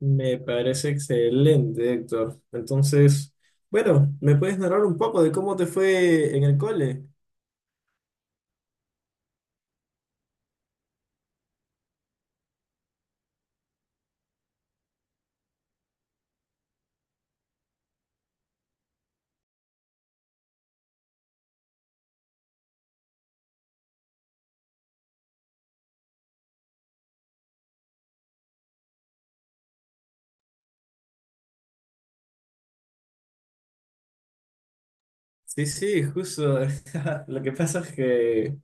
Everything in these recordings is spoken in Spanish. Me parece excelente, Héctor. Entonces, bueno, ¿me puedes narrar un poco de cómo te fue en el cole? Sí, sí, justo. Lo que pasa es que en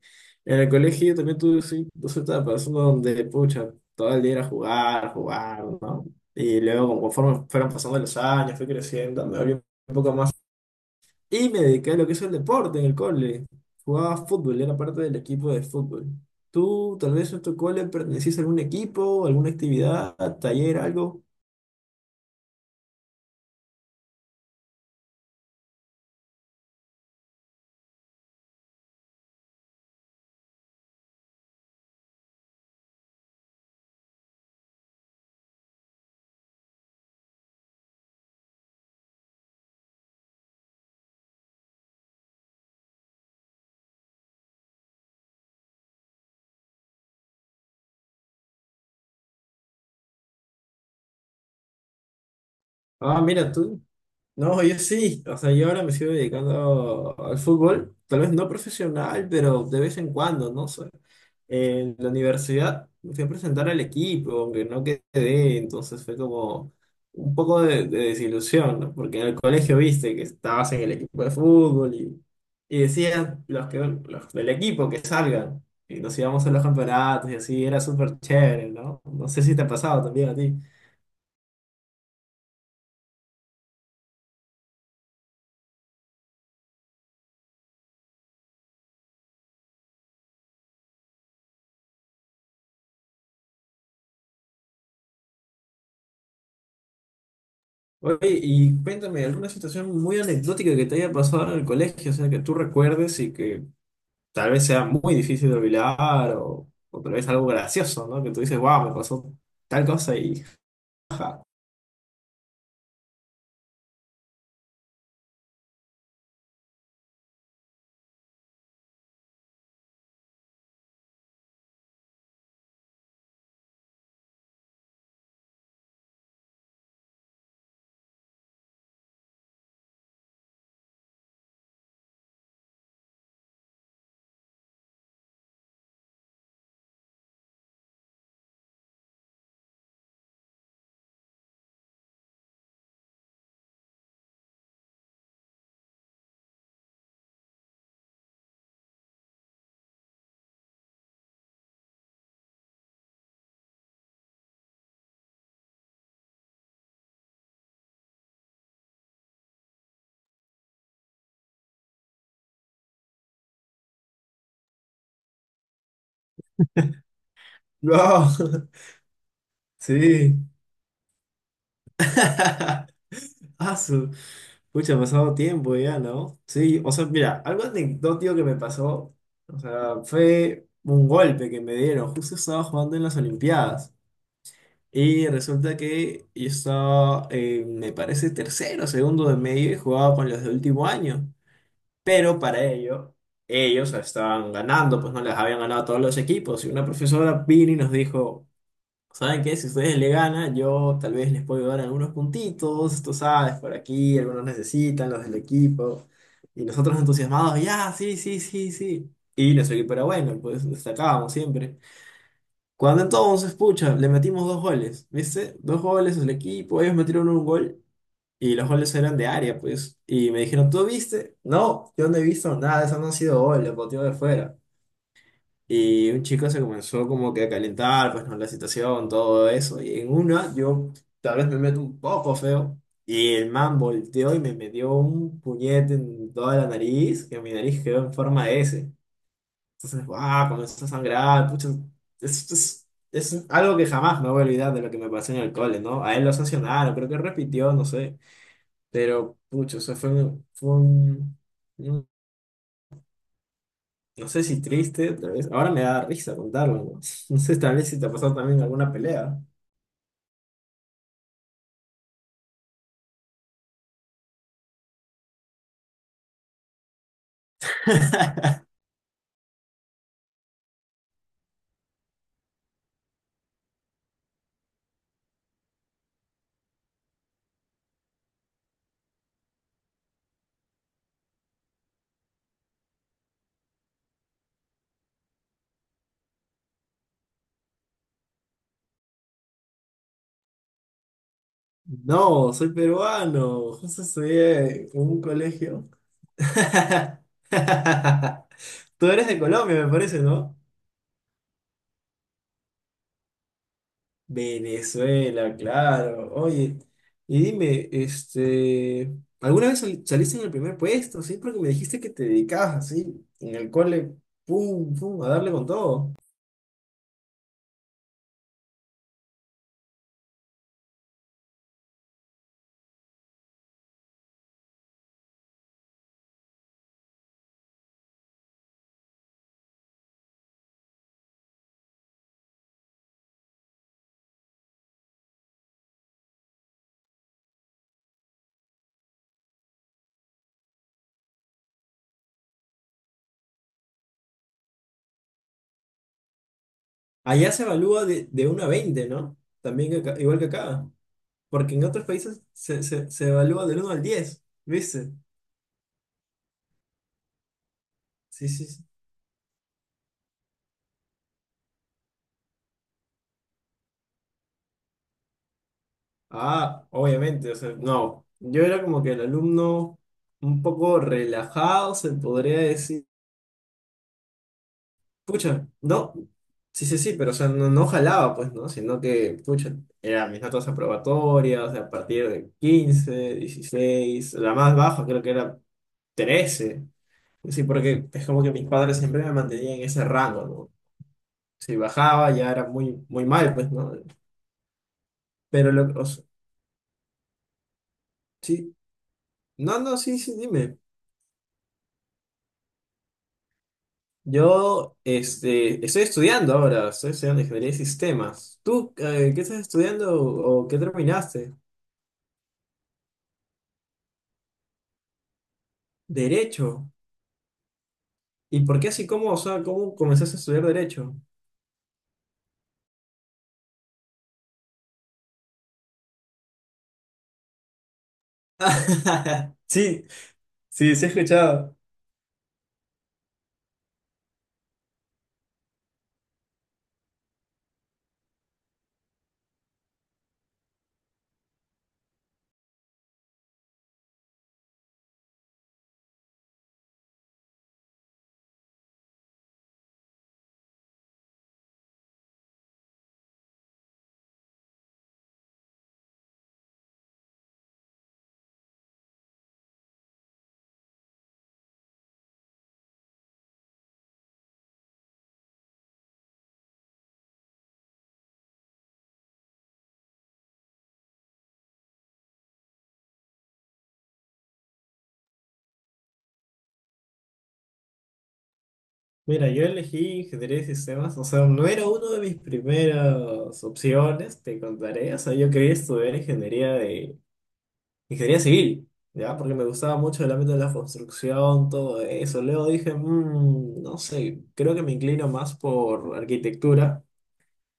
el colegio yo también tuve sí, dos etapas, una donde, pucha, todo el día era jugar, jugar, ¿no? Y luego, conforme fueron pasando los años, fui creciendo, me abrí un poco más. Y me dediqué a lo que es el deporte en el cole. Jugaba fútbol, era parte del equipo de fútbol. ¿Tú tal vez en tu cole pertenecías a algún equipo, alguna actividad, taller, algo? Ah, mira tú. No, yo sí. O sea, yo ahora me sigo dedicando al fútbol. Tal vez no profesional, pero de vez en cuando, ¿no? Sé. En la universidad me fui a presentar al equipo, aunque no quedé. Entonces fue como un poco de desilusión, ¿no? Porque en el colegio viste que estabas en el equipo de fútbol y decían los, que, los del equipo que salgan. Y nos íbamos a los campeonatos y así. Era súper chévere, ¿no? No sé si te ha pasado también a ti. Oye, y cuéntame, ¿alguna situación muy anecdótica que te haya pasado en el colegio? O sea, que tú recuerdes y que tal vez sea muy difícil de olvidar o tal vez algo gracioso, ¿no? Que tú dices, wow, me pasó tal cosa y… ¡Wow! Sí. Ah, su... Pucha, ha pasado tiempo ya, ¿no? Sí, o sea, mira, algo anecdótico que me pasó, o sea, fue un golpe que me dieron. Justo estaba jugando en las Olimpiadas. Y resulta que yo estaba, me parece, tercero, segundo de medio y jugaba con los de último año. Pero para ello, ellos estaban ganando, pues no les habían ganado a todos los equipos. Y una profesora vino y nos dijo, ¿saben qué? Si ustedes le ganan, yo tal vez les puedo dar algunos puntitos, tú sabes, por aquí, algunos necesitan, los del equipo. Y nosotros entusiasmados, ya, sí, sí, sí, sí. Y nuestro equipo era bueno, pues destacábamos siempre. Cuando entonces, pucha, le metimos dos goles, ¿viste? Dos goles al equipo, ellos metieron un gol y los goles eran de área, pues. Y me dijeron, ¿tú viste? No, yo no he visto nada, eso no han sido goles, lo de fuera. Y un chico se comenzó como que a calentar, pues, ¿no? La situación, todo eso. Y en una, yo tal vez me meto un poco feo. Y el man volteó y me metió un puñete en toda la nariz, que mi nariz quedó en forma de S. Entonces, ah, comenzó a sangrar, pucha, es, es- es algo que jamás me voy a olvidar de lo que me pasó en el cole, ¿no? A él lo sancionaron, creo que repitió, no sé, pero, pucha, o sea, un- no sé si triste, tal vez, ahora me da risa contarlo, ¿no? No sé, tal vez si te ha pasado también alguna pelea. No, soy peruano, justo estudié en un colegio. Tú eres de Colombia, me parece, ¿no? Venezuela, claro. Oye, y dime, ¿alguna vez saliste en el primer puesto? Sí, porque me dijiste que te dedicabas así, en el cole, pum, pum, a darle con todo. Allá se evalúa de uno a 20, ¿no? También que igual que acá. Porque en otros países se evalúa del uno al 10, ¿viste? Sí, sí, sí. Ah, obviamente, o sea, no. Yo era como que el alumno un poco relajado, se podría decir. Pucha, no, sí, sí, sí, pero o sea, no, no jalaba, pues, ¿no? Sino que, pucha, eran mis notas aprobatorias, o sea, a partir de 15 16 la más baja creo que era 13, sí, porque es como que mis padres siempre me mantenían en ese rango, ¿no? Si bajaba ya era muy, muy mal, pues, ¿no? Pero lo, o sea, sí, no, no, sí, sí, dime. Yo, estoy estudiando ahora, estoy estudiando ingeniería de sistemas. ¿Tú, qué estás estudiando o qué terminaste? Derecho. ¿Y por qué así? ¿Cómo, o sea, cómo comenzaste a estudiar derecho? Sí, sí, sí he escuchado. Mira, yo elegí ingeniería de sistemas, o sea, no era una de mis primeras opciones, te contaré, o sea, yo quería estudiar ingeniería civil, ¿ya? Porque me gustaba mucho el ámbito de la construcción, todo eso. Luego dije, no sé, creo que me inclino más por arquitectura.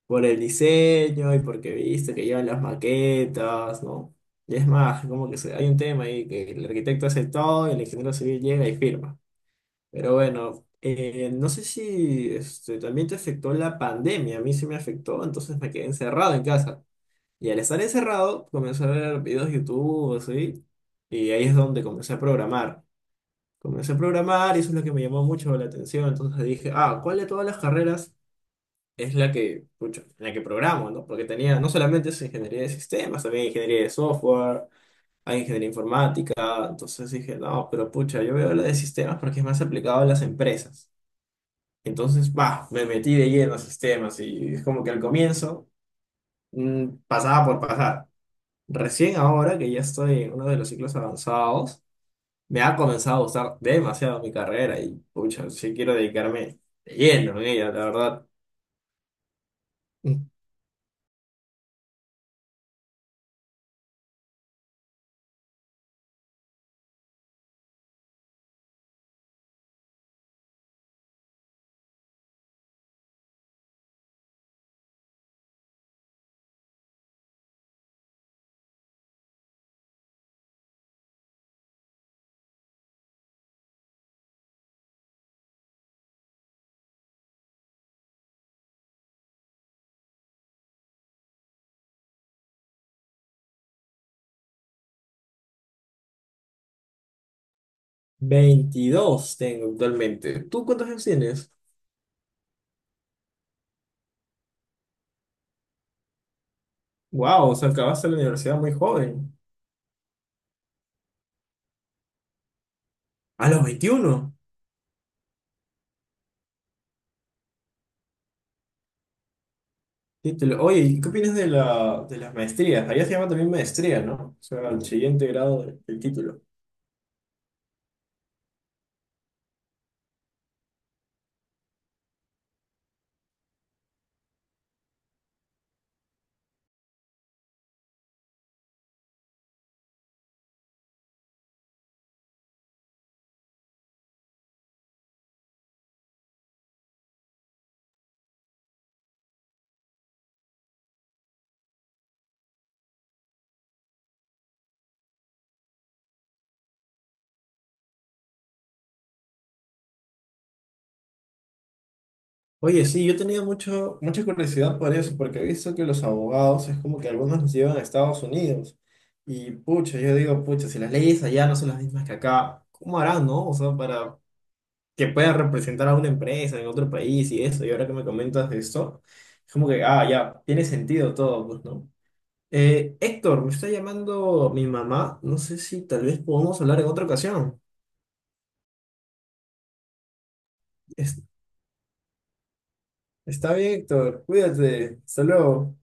Por el diseño y porque viste que llevan las maquetas, ¿no?" Y es más, como que hay un tema ahí que el arquitecto hace todo y el ingeniero civil llega y firma. Pero bueno, no sé si también te afectó la pandemia, a mí sí me afectó, entonces me quedé encerrado en casa. Y al estar encerrado, comencé a ver videos de YouTube, así, y ahí es donde comencé a programar. Comencé a programar y eso es lo que me llamó mucho la atención. Entonces dije, ah, ¿cuál de todas las carreras es la que, pucha, la que programo, ¿no? Porque tenía, no solamente es ingeniería de sistemas, también hay ingeniería de software, hay ingeniería informática, entonces dije, no, pero pucha, yo veo la de sistemas porque es más aplicado a las empresas. Entonces, va, me metí de lleno a sistemas y es como que al comienzo pasaba por pasar. Recién ahora que ya estoy en uno de los ciclos avanzados, me ha comenzado a gustar demasiado mi carrera y, pucha, sí quiero dedicarme de lleno en ella, la verdad. 22 tengo actualmente. ¿Tú cuántos años tienes? Wow, o sea, acabaste la universidad muy joven. A los 21. Sí, te lo- Oye, ¿y qué opinas de la, de las maestrías? Allá se llama también maestría, ¿no? O sea, el siguiente grado del título. Oye, sí, yo tenía mucha curiosidad por eso, porque he visto que los abogados es como que algunos los llevan a Estados Unidos. Y pucha, yo digo, pucha, si las leyes allá no son las mismas que acá, ¿cómo harán, no? O sea, para que puedan representar a una empresa en otro país y eso. Y ahora que me comentas de esto, es como que, ah, ya, tiene sentido todo, pues, ¿no? Héctor, me está llamando mi mamá. No sé si tal vez podamos hablar en otra ocasión. Es- Está bien, Héctor. Cuídate. Hasta luego.